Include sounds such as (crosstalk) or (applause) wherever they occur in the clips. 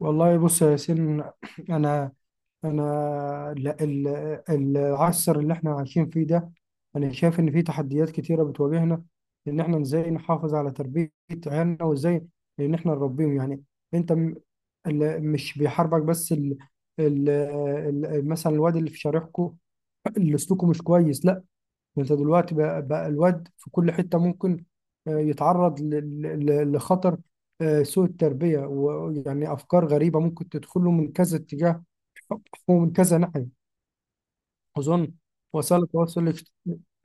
والله بص يا ياسين. انا انا العصر اللي احنا عايشين فيه ده، انا شايف ان فيه تحديات كتيره بتواجهنا، ان احنا ازاي نحافظ على تربيه عيالنا، وازاي ان احنا نربيهم، يعني. انت م- مش بيحاربك بس ال مثلا الواد اللي في شارعكو اللي سلوكه مش كويس، لا، انت دلوقتي بقى، بقى الواد في كل حتة ممكن يتعرض لخطر سوء التربية، ويعني أفكار غريبة ممكن تدخله من كذا اتجاه ومن كذا ناحية، أظن. وسائل التواصل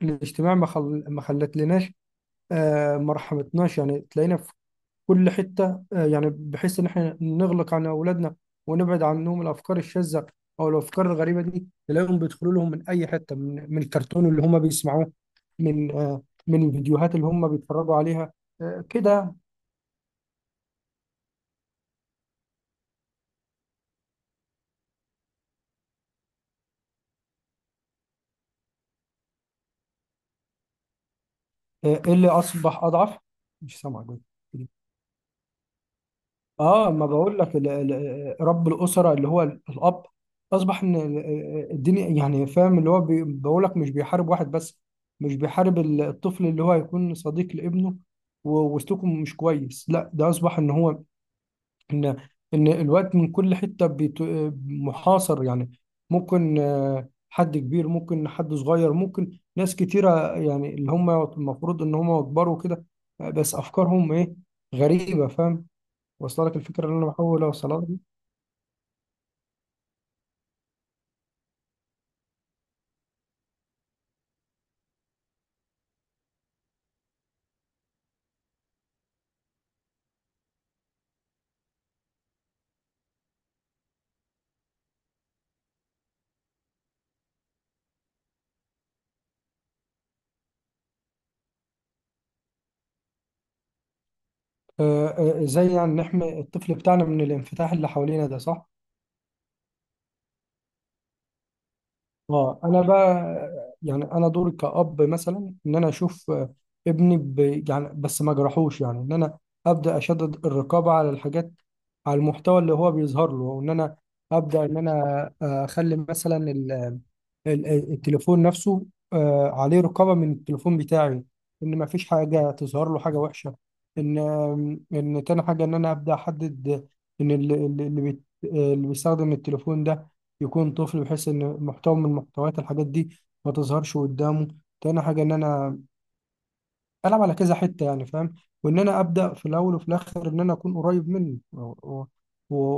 الاجتماعي ما خلتلناش، ما رحمتناش، يعني تلاقينا في كل حتة، يعني بحيث إن إحنا نغلق عن أولادنا ونبعد عنهم الأفكار الشاذة أو الأفكار الغريبة دي، تلاقيهم بيدخلوا لهم من أي حتة، من الكرتون اللي هما بيسمعوه، من من الفيديوهات اللي هم بيتفرجوا عليها، كده. اللي أصبح أضعف، مش سامعك بس. اه، ما بقول لك رب الأسرة اللي هو الأب، أصبح إن الدنيا يعني، فاهم، اللي هو بقول لك مش بيحارب واحد بس، مش بيحارب الطفل اللي هو هيكون صديق لابنه وسلوكه مش كويس، لا، ده أصبح إن هو ان ان الوقت من كل حته محاصر، يعني ممكن حد كبير، ممكن حد صغير، ممكن ناس كتيره، يعني اللي هم المفروض ان هم يكبروا كده، بس افكارهم ايه؟ غريبه، فاهم؟ واصله لك الفكره اللي انا بحاول اوصلها لك؟ آه، زي يعني نحمي الطفل بتاعنا من الانفتاح اللي حوالينا ده، صح. اه، انا بقى، يعني انا دوري كأب مثلا ان انا اشوف ابني ب... يعني بس ما جرحوش، يعني ان انا ابدا اشدد الرقابه على الحاجات، على المحتوى اللي هو بيظهر له، وان انا ابدا ان انا اخلي مثلا التليفون نفسه عليه رقابة من التليفون بتاعي، إن ما فيش حاجة تظهر له حاجة وحشة. إن إن تاني حاجة، إن أنا أبدأ أحدد إن اللي اللي بيستخدم التليفون ده يكون طفل، بحيث إن محتوى من محتويات الحاجات دي ما تظهرش قدامه. تاني حاجة إن أنا ألعب على كذا حتة، يعني، فاهم؟ وإن أنا أبدأ في الأول وفي الآخر إن أنا أكون قريب منه و-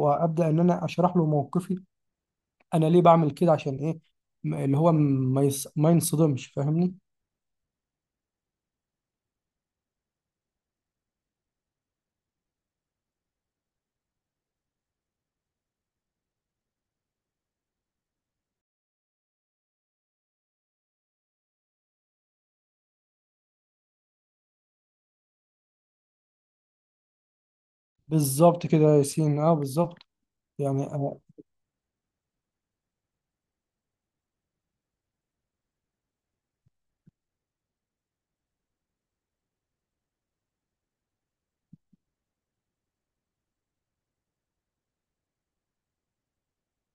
وأبدأ إن أنا أشرح له موقفي، انا ليه بعمل كده؟ عشان ايه؟ اللي هو ما ينصدمش، فاهمني؟ بالظبط كده يا ياسين، اه بالظبط، يعني آه،.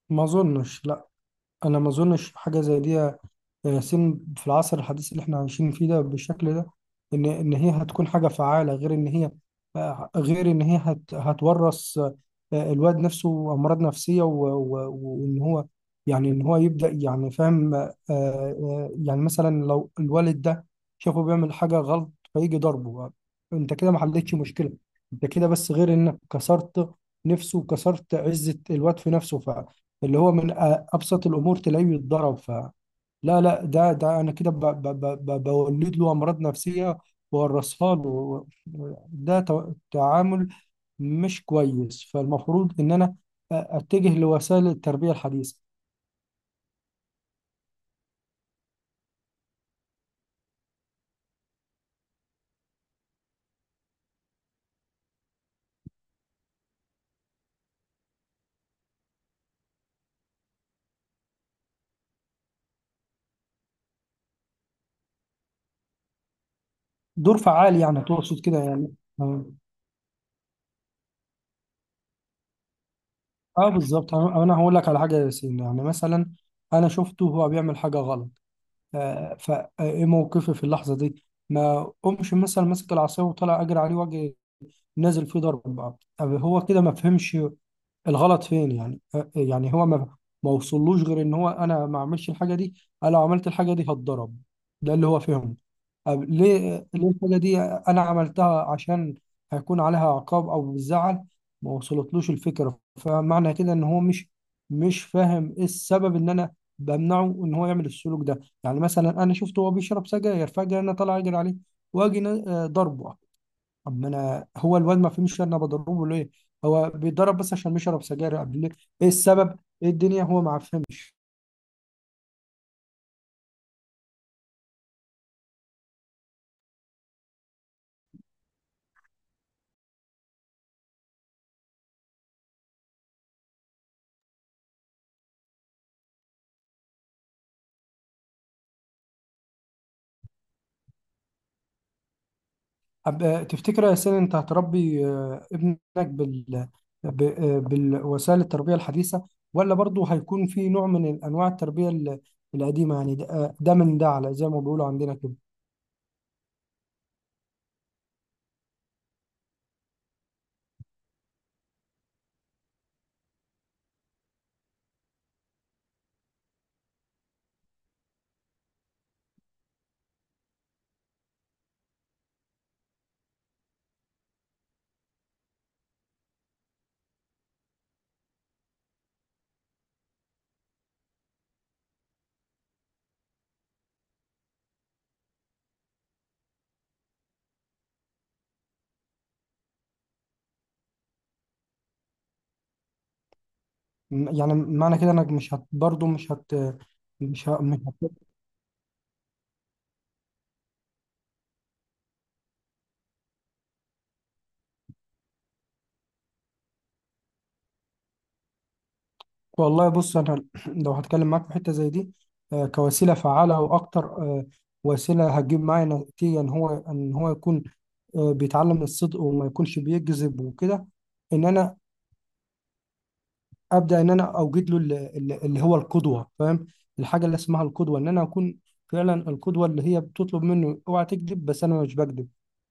ما اظنش، لا، انا ما اظنش حاجه زي دي ياسين في العصر الحديث اللي احنا عايشين فيه ده بالشكل ده، ان هي هتكون حاجه فعاله، غير ان هي غير ان هي هتورث الواد نفسه امراض نفسيه، وان هو يعني ان هو يبدا، يعني فاهم. يعني مثلا لو الوالد ده شافه بيعمل حاجه غلط فيجي ضربه، انت كده ما حلتش مشكله، انت كده بس غير انك كسرت نفسه وكسرت عزه الواد في نفسه، فاللي هو من ابسط الامور تلاقيه يتضرب. لا لا، ده انا كده بولد له امراض نفسيه وورثها له، و- ده تعامل مش كويس، فالمفروض ان انا اتجه لوسائل التربيه الحديثه. دور فعال يعني، تقصد كده يعني؟ اه. بالظبط. أنا هقول لك على حاجه يا ياسين، يعني مثلا انا شفته وهو بيعمل حاجه غلط، فايه موقفي في اللحظه دي؟ ما قومش مثلا ماسك العصايه وطلع اجري عليه واجي نازل فيه ضرب؟ هو كده ما فهمش الغلط فين، يعني يعني هو ما وصلوش غير ان هو انا ما اعملش الحاجه دي، انا لو عملت الحاجه دي هتضرب، ده اللي هو فهمه. طب ليه؟ ليه الحاجه دي انا عملتها عشان هيكون عليها عقاب او بالزعل؟ ما وصلتلوش الفكره، فمعنى كده ان هو مش فاهم ايه السبب ان انا بمنعه ان هو يعمل السلوك ده. يعني مثلا انا شفته وهو بيشرب سجاير فجاه انا طالع اجري عليه واجي ضربه، طب ما انا هو الواد ما فهمش انا بضربه ليه، هو بيتضرب بس عشان بيشرب سجاير، قبل ليه؟ ايه السبب؟ ايه الدنيا؟ هو ما فهمش. تفتكر يا سيدي انت هتربي ابنك بال بالوسائل التربيه الحديثه، ولا برضه هيكون في نوع من انواع التربيه القديمه، يعني ده ده من ده، على زي ما بيقولوا عندنا كده؟ يعني معنى كده انك مش هت، برضه مش هت، مش هت. والله بص، انا (clears throat) لو هتكلم معاك في حته زي دي، كوسيله فعاله واكتر وسيله هتجيب معايا نتيجه ان هو، ان هو يكون بيتعلم الصدق وما يكونش بيكذب وكده، ان انا ابدا ان انا اوجد له اللي هو القدوه، فاهم؟ الحاجه اللي اسمها القدوه، ان انا اكون فعلا القدوه اللي هي بتطلب منه اوعى تكذب بس انا مش بكذب،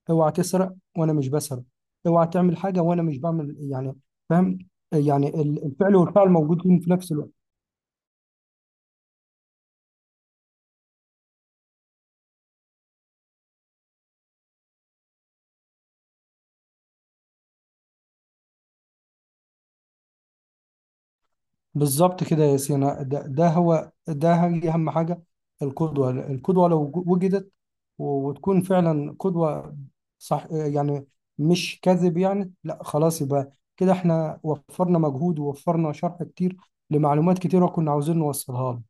اوعى تسرق وانا مش بسرق، اوعى تعمل حاجه وانا مش بعمل، يعني فاهم؟ يعني الفعل والفعل موجودين في نفس الوقت. بالظبط كده يا سينا، ده هو، ده هي أهم حاجة، القدوة. القدوة لو وجدت وتكون فعلا قدوة، صح يعني، مش كذب، يعني لا، خلاص، يبقى كده احنا وفرنا مجهود ووفرنا شرح كتير لمعلومات كتيرة كنا عاوزين نوصلها له.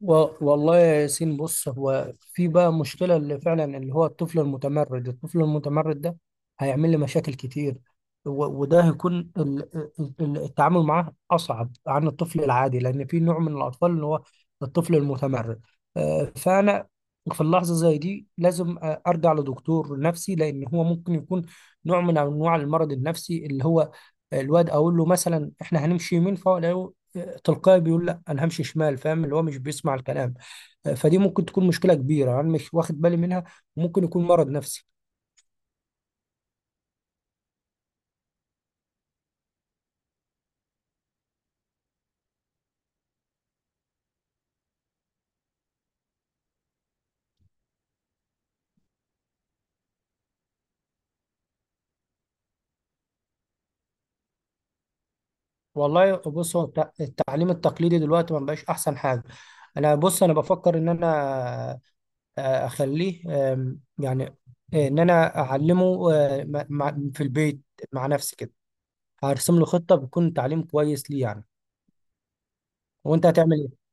والله يا ياسين، بص، هو في بقى مشكلة اللي فعلا اللي هو الطفل المتمرد. الطفل المتمرد ده هيعمل لي مشاكل كتير، وده هيكون التعامل معاه أصعب عن الطفل العادي، لأن في نوع من الأطفال اللي هو الطفل المتمرد، فأنا في اللحظة زي دي لازم أرجع لدكتور نفسي، لأن هو ممكن يكون نوع من أنواع المرض النفسي، اللي هو الواد أقول له مثلا إحنا هنمشي يمين فهو تلقائي بيقول لا، انا همشي شمال، فاهم؟ اللي هو مش بيسمع الكلام، فدي ممكن تكون مشكله كبيره انا مش واخد بالي منها، وممكن يكون مرض نفسي. والله بص، هو التعليم التقليدي دلوقتي ما بقاش احسن حاجه. انا بص، انا بفكر ان انا اخليه يعني ان انا اعلمه في البيت مع نفسي كده، هرسم له خطه بتكون تعليم كويس ليه، يعني. وانت هتعمل ايه؟